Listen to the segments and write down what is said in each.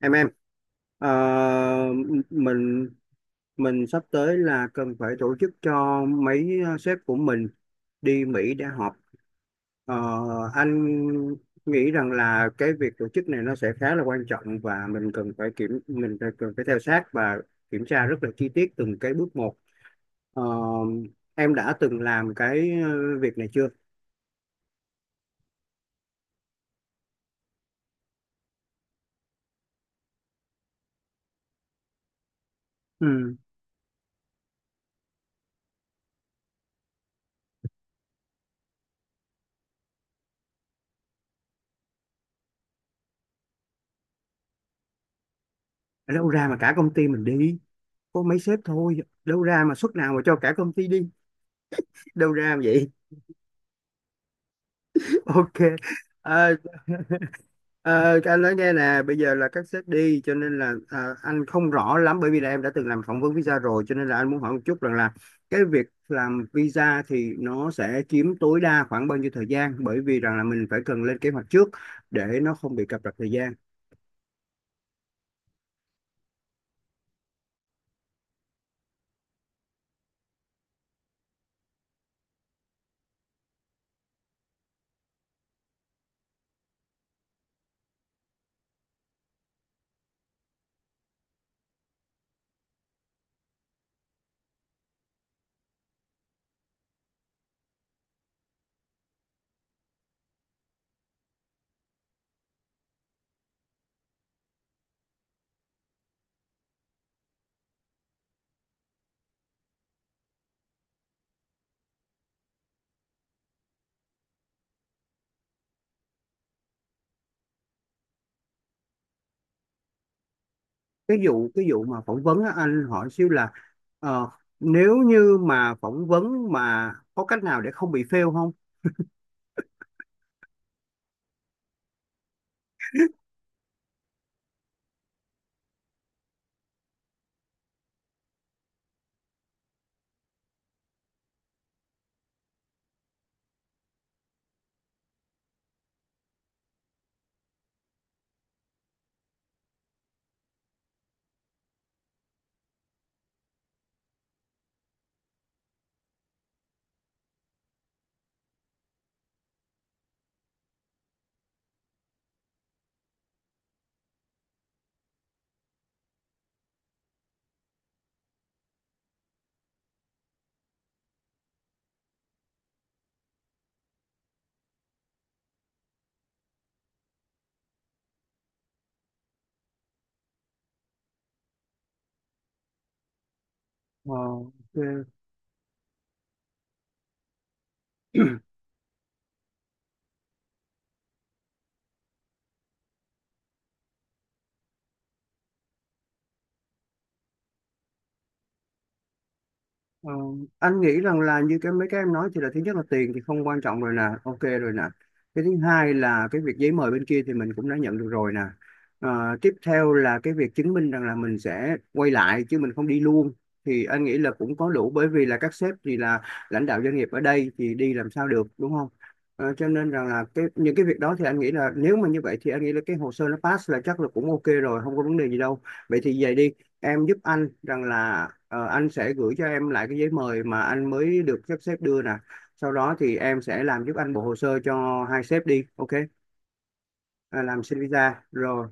em em ờ, m- mình mình sắp tới là cần phải tổ chức cho mấy sếp của mình đi Mỹ để họp. Ờ, anh nghĩ rằng là cái việc tổ chức này nó sẽ khá là quan trọng, và mình cần phải cần phải theo sát và kiểm tra rất là chi tiết từng cái bước một. Ờ, em đã từng làm cái việc này chưa? Ừ. Đâu ra mà cả công ty mình đi, có mấy sếp thôi? Đâu ra mà suất nào mà cho cả công ty đi? Đâu ra mà vậy? Ok. Ờ, ờ, anh nói nghe nè, bây giờ là các sếp đi, cho nên là anh không rõ lắm, bởi vì là em đã từng làm phỏng vấn visa rồi, cho nên là anh muốn hỏi một chút rằng là cái việc làm visa thì nó sẽ chiếm tối đa khoảng bao nhiêu thời gian, bởi vì rằng là mình phải cần lên kế hoạch trước để nó không bị cập rập thời gian. Cái vụ mà phỏng vấn á, anh hỏi xíu là ờ, nếu như mà phỏng vấn mà có cách nào để không bị fail không? Ờ, ok. Ờ, anh nghĩ rằng là như cái mấy cái em nói thì là thứ nhất là tiền thì không quan trọng rồi nè, ok rồi nè. Cái thứ hai là cái việc giấy mời bên kia thì mình cũng đã nhận được rồi nè. Ờ, tiếp theo là cái việc chứng minh rằng là mình sẽ quay lại chứ mình không đi luôn. Thì anh nghĩ là cũng có đủ, bởi vì là các sếp thì là lãnh đạo doanh nghiệp ở đây thì đi làm sao được đúng không? Ờ, cho nên rằng là cái những cái việc đó thì anh nghĩ là nếu mà như vậy thì anh nghĩ là cái hồ sơ nó pass là chắc là cũng ok rồi, không có vấn đề gì đâu. Vậy thì về đi, em giúp anh rằng là anh sẽ gửi cho em lại cái giấy mời mà anh mới được sắp xếp đưa nè, sau đó thì em sẽ làm giúp anh bộ hồ sơ cho hai sếp đi, ok? À, làm xin visa rồi,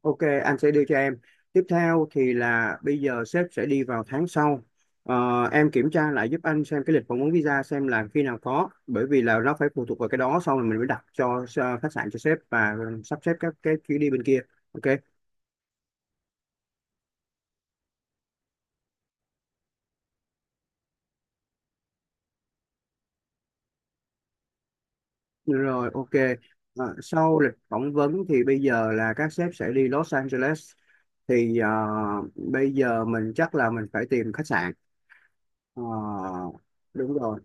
ok, anh sẽ đưa cho em. Tiếp theo thì là bây giờ sếp sẽ đi vào tháng sau. Ờ, em kiểm tra lại giúp anh xem cái lịch phỏng vấn visa xem là khi nào có, bởi vì là nó phải phụ thuộc vào cái đó, xong rồi mình mới đặt cho khách sạn cho sếp và sắp xếp các cái chuyến đi bên kia, ok. Rồi, ok. À, sau lịch phỏng vấn thì bây giờ là các sếp sẽ đi Los Angeles. Thì à, bây giờ mình chắc là mình phải tìm khách sạn. Ờ, đúng rồi.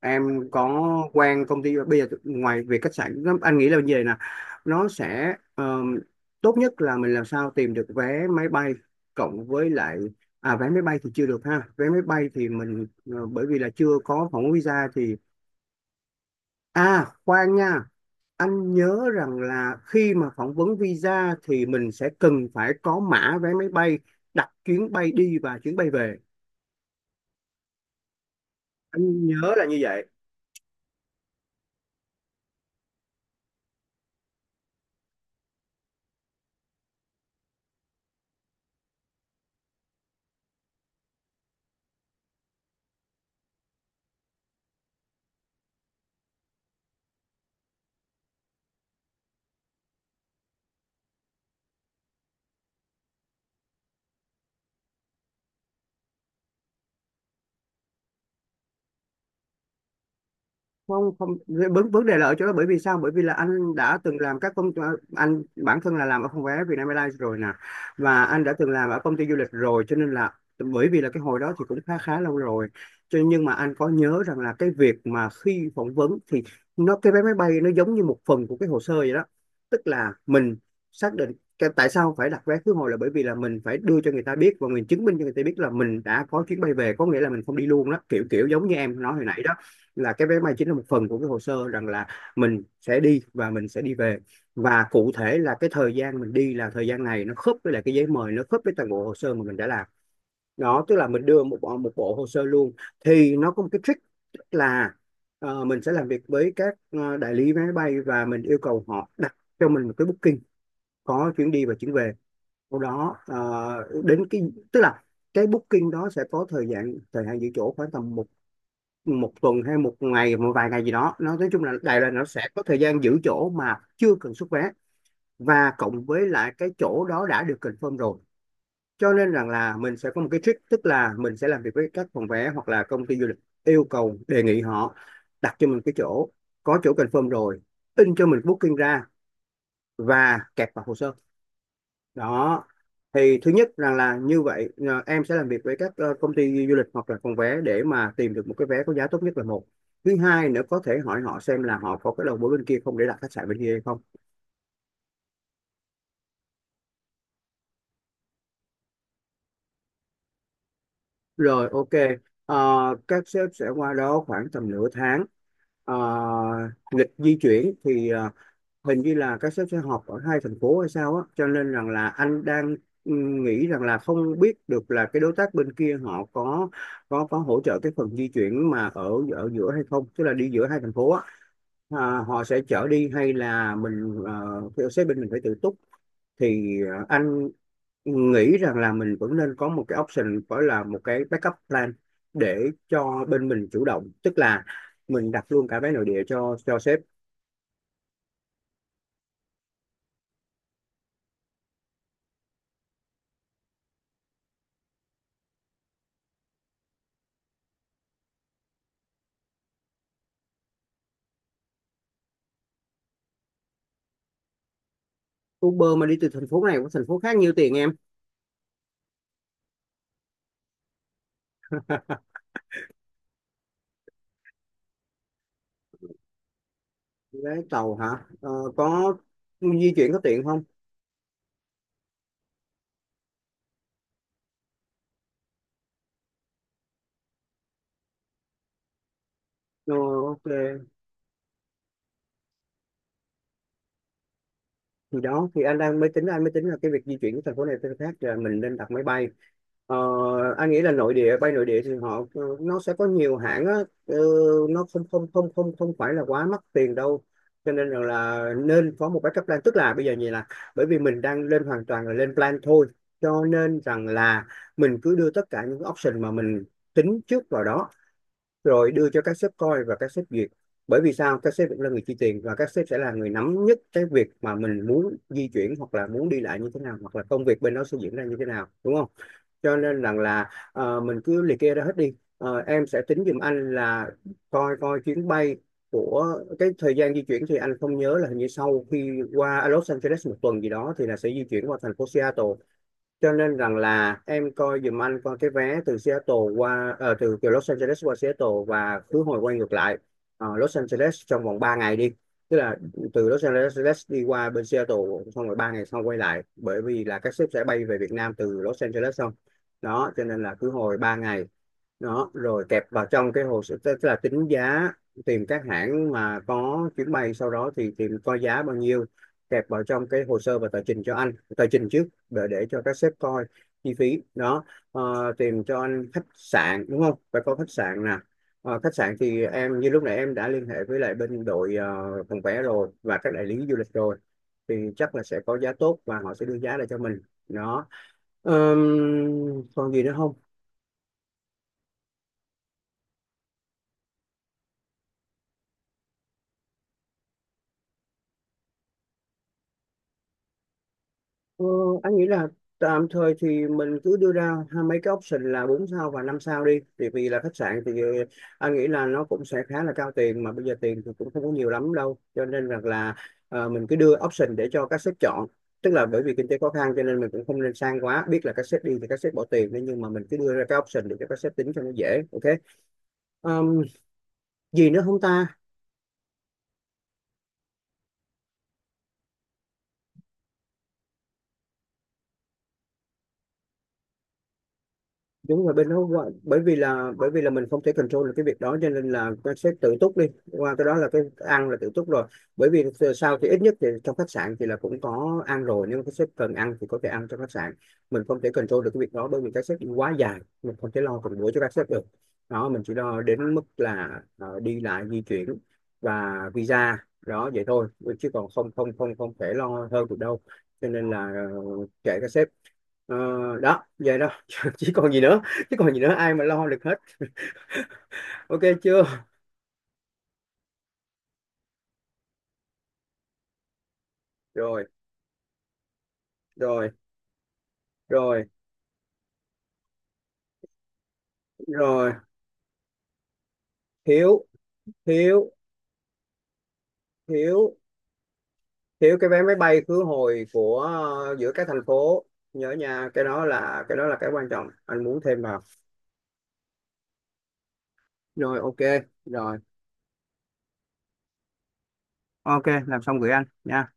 Em có quen công ty bây giờ ngoài việc khách sạn nó- anh nghĩ là như vậy nè. Nó sẽ tốt nhất là mình làm sao tìm được vé máy bay cộng với lại à vé máy bay thì chưa được ha. Vé máy bay thì mình bởi vì là chưa có phỏng vấn visa thì à khoan nha. Anh nhớ rằng là khi mà phỏng vấn visa thì mình sẽ cần phải có mã vé máy bay, đặt chuyến bay đi và chuyến bay về. Anh nhớ là như vậy. Không không vấn vấn đề là ở chỗ đó, bởi vì sao, bởi vì là anh đã từng làm các công anh bản thân là làm ở phòng vé Vietnam Airlines rồi nè, và anh đã từng làm ở công ty du lịch rồi, cho nên là bởi vì là cái hồi đó thì cũng khá khá lâu rồi, cho nên- nhưng mà anh có nhớ rằng là cái việc mà khi phỏng vấn thì cái vé máy bay nó giống như một phần của cái hồ sơ vậy đó. Tức là mình xác định cái tại sao phải đặt vé khứ hồi là bởi vì là mình phải đưa cho người ta biết, và mình chứng minh cho người ta biết là mình đã có chuyến bay về, có nghĩa là mình không đi luôn đó, kiểu kiểu giống như em nói hồi nãy đó, là cái vé máy chính là một phần của cái hồ sơ, rằng là mình sẽ đi và mình sẽ đi về, và cụ thể là cái thời gian mình đi là thời gian này nó khớp với lại cái giấy mời, nó khớp với toàn bộ hồ sơ mà mình đã làm đó, tức là mình đưa một bộ hồ sơ luôn. Thì nó có một cái trick, tức là mình sẽ làm việc với các đại lý vé máy bay, và mình yêu cầu họ đặt cho mình một cái booking có chuyến đi và chuyến về, sau đó đến cái tức là cái booking đó sẽ có thời gian thời hạn giữ chỗ khoảng tầm một một tuần hay một ngày một vài ngày gì đó, nó nói chung là Đài Loan nó sẽ có thời gian giữ chỗ mà chưa cần xuất vé, và cộng với lại cái chỗ đó đã được confirm rồi. Cho nên rằng là mình sẽ có một cái trick, tức là mình sẽ làm việc với các phòng vé hoặc là công ty du lịch, yêu cầu đề nghị họ đặt cho mình cái chỗ, có chỗ confirm rồi, in cho mình booking ra và kẹp vào hồ sơ đó. Thì thứ nhất rằng là như vậy à, em sẽ làm việc với các công ty du lịch hoặc là phòng vé để mà tìm được một cái vé có giá tốt nhất là một, thứ hai nữa có thể hỏi họ xem là họ có cái đầu mối bên kia không, để đặt khách sạn bên kia hay không, rồi ok. Ờ, các sếp sẽ qua đó khoảng tầm nửa tháng. Ờ, lịch di chuyển thì hình như là các sếp sẽ họp ở hai thành phố hay sao á, cho nên rằng là anh đang ừ, nghĩ rằng là không biết được là cái đối tác bên kia họ có hỗ trợ cái phần di chuyển mà ở ở giữa hay không, tức là đi giữa hai thành phố á, à, họ sẽ chở đi hay là mình theo sếp bên mình phải tự túc. Thì anh nghĩ rằng là mình vẫn nên có một cái option, gọi là một cái backup plan để cho bên mình chủ động, tức là mình đặt luôn cả vé nội địa cho sếp. Uber mà đi từ thành phố này qua thành phố khác nhiêu tiền em? Vé tàu hả? Ờ, có di chuyển có tiện không? Ờ, ok. Thì đó thì anh đang mới tính, anh mới tính là cái việc di chuyển của thành phố này tới khác là mình nên đặt máy bay. Ờ, anh nghĩ là nội địa, bay nội địa thì họ nó sẽ có nhiều hãng á. ờ, nó không không không không không phải là quá mắc tiền đâu, cho nên rằng là nên có một backup plan, tức là bây giờ như là bởi vì mình đang lên hoàn toàn là lên plan thôi, cho nên rằng là mình cứ đưa tất cả những option mà mình tính trước vào đó, rồi đưa cho các sếp coi và các sếp duyệt, bởi vì sao, các sếp vẫn là người chi tiền, và các sếp sẽ là người nắm nhất cái việc mà mình muốn di chuyển hoặc là muốn đi lại như thế nào, hoặc là công việc bên đó sẽ diễn ra như thế nào đúng không. Cho nên rằng là mình cứ liệt kê ra hết đi. Ờ, em sẽ tính giùm anh là coi coi chuyến bay của cái thời gian di chuyển thì anh không nhớ là hình như sau khi qua Los Angeles một tuần gì đó thì là sẽ di chuyển qua thành phố Seattle. Cho nên rằng là em coi giùm anh coi cái vé từ Seattle qua ờ, từ từ Los Angeles qua Seattle và khứ hồi quay ngược lại Ờ, Los Angeles trong vòng 3 ngày đi, tức là từ Los Angeles đi qua bên Seattle, xong rồi 3 ngày sau quay lại, bởi vì là các sếp sẽ bay về Việt Nam từ Los Angeles xong đó, cho nên là khứ hồi 3 ngày đó, rồi kẹp vào trong cái hồ sơ, tức là tính giá, tìm các hãng mà có chuyến bay, sau đó thì tìm coi giá bao nhiêu, kẹp vào trong cái hồ sơ và tờ trình cho anh, tờ trình trước để cho các sếp coi chi phí đó. Ờ, tìm cho anh khách sạn đúng không, phải có khách sạn nè. Ờ, khách sạn thì em như lúc nãy em đã liên hệ với lại bên đội phòng vé rồi và các đại lý du lịch rồi, thì chắc là sẽ có giá tốt và họ sẽ đưa giá lại cho mình đó. Còn gì nữa không? Ờ, anh nghĩ là tạm thời thì mình cứ đưa ra hai mấy cái option là 4 sao và 5 sao đi, thì vì là khách sạn thì anh nghĩ là nó cũng sẽ khá là cao tiền, mà bây giờ tiền thì cũng không có nhiều lắm đâu, cho nên rằng là mình cứ đưa option để cho các sếp chọn, tức là bởi vì kinh tế khó khăn cho nên mình cũng không nên sang quá, biết là các sếp đi thì các sếp bỏ tiền đấy, nhưng mà mình cứ đưa ra cái option để cho các sếp tính cho nó dễ, ok. Ờm, gì nữa không ta? Đúng rồi, bên đó qua- bởi vì là mình không thể control được cái việc đó, cho nên là nó sẽ tự túc đi, qua cái đó là cái ăn là tự túc rồi, bởi vì sao thì ít nhất thì trong khách sạn thì là cũng có ăn rồi, nhưng mà cái sếp cần ăn thì có thể ăn trong khách sạn. Mình không thể control được cái việc đó, bởi vì các sếp đi quá dài, mình không thể lo từng buổi cho các sếp được đó, mình chỉ lo đến mức là đi lại di chuyển và visa đó vậy thôi, chứ còn không không không không thể lo hơn được đâu, cho nên là kệ các sếp. Ờ, đó vậy đó chứ còn gì nữa, chứ còn gì nữa, ai mà lo được hết. Ok chưa? Rồi. Rồi. Rồi. Rồi. Thiếu thiếu thiếu Thiếu cái vé máy bay khứ hồi của giữa các thành phố, nhớ nha, cái đó là cái quan trọng anh muốn thêm vào. Rồi, ok. Rồi, ok, làm xong gửi anh nha.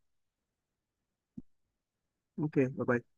Ok, bye bye.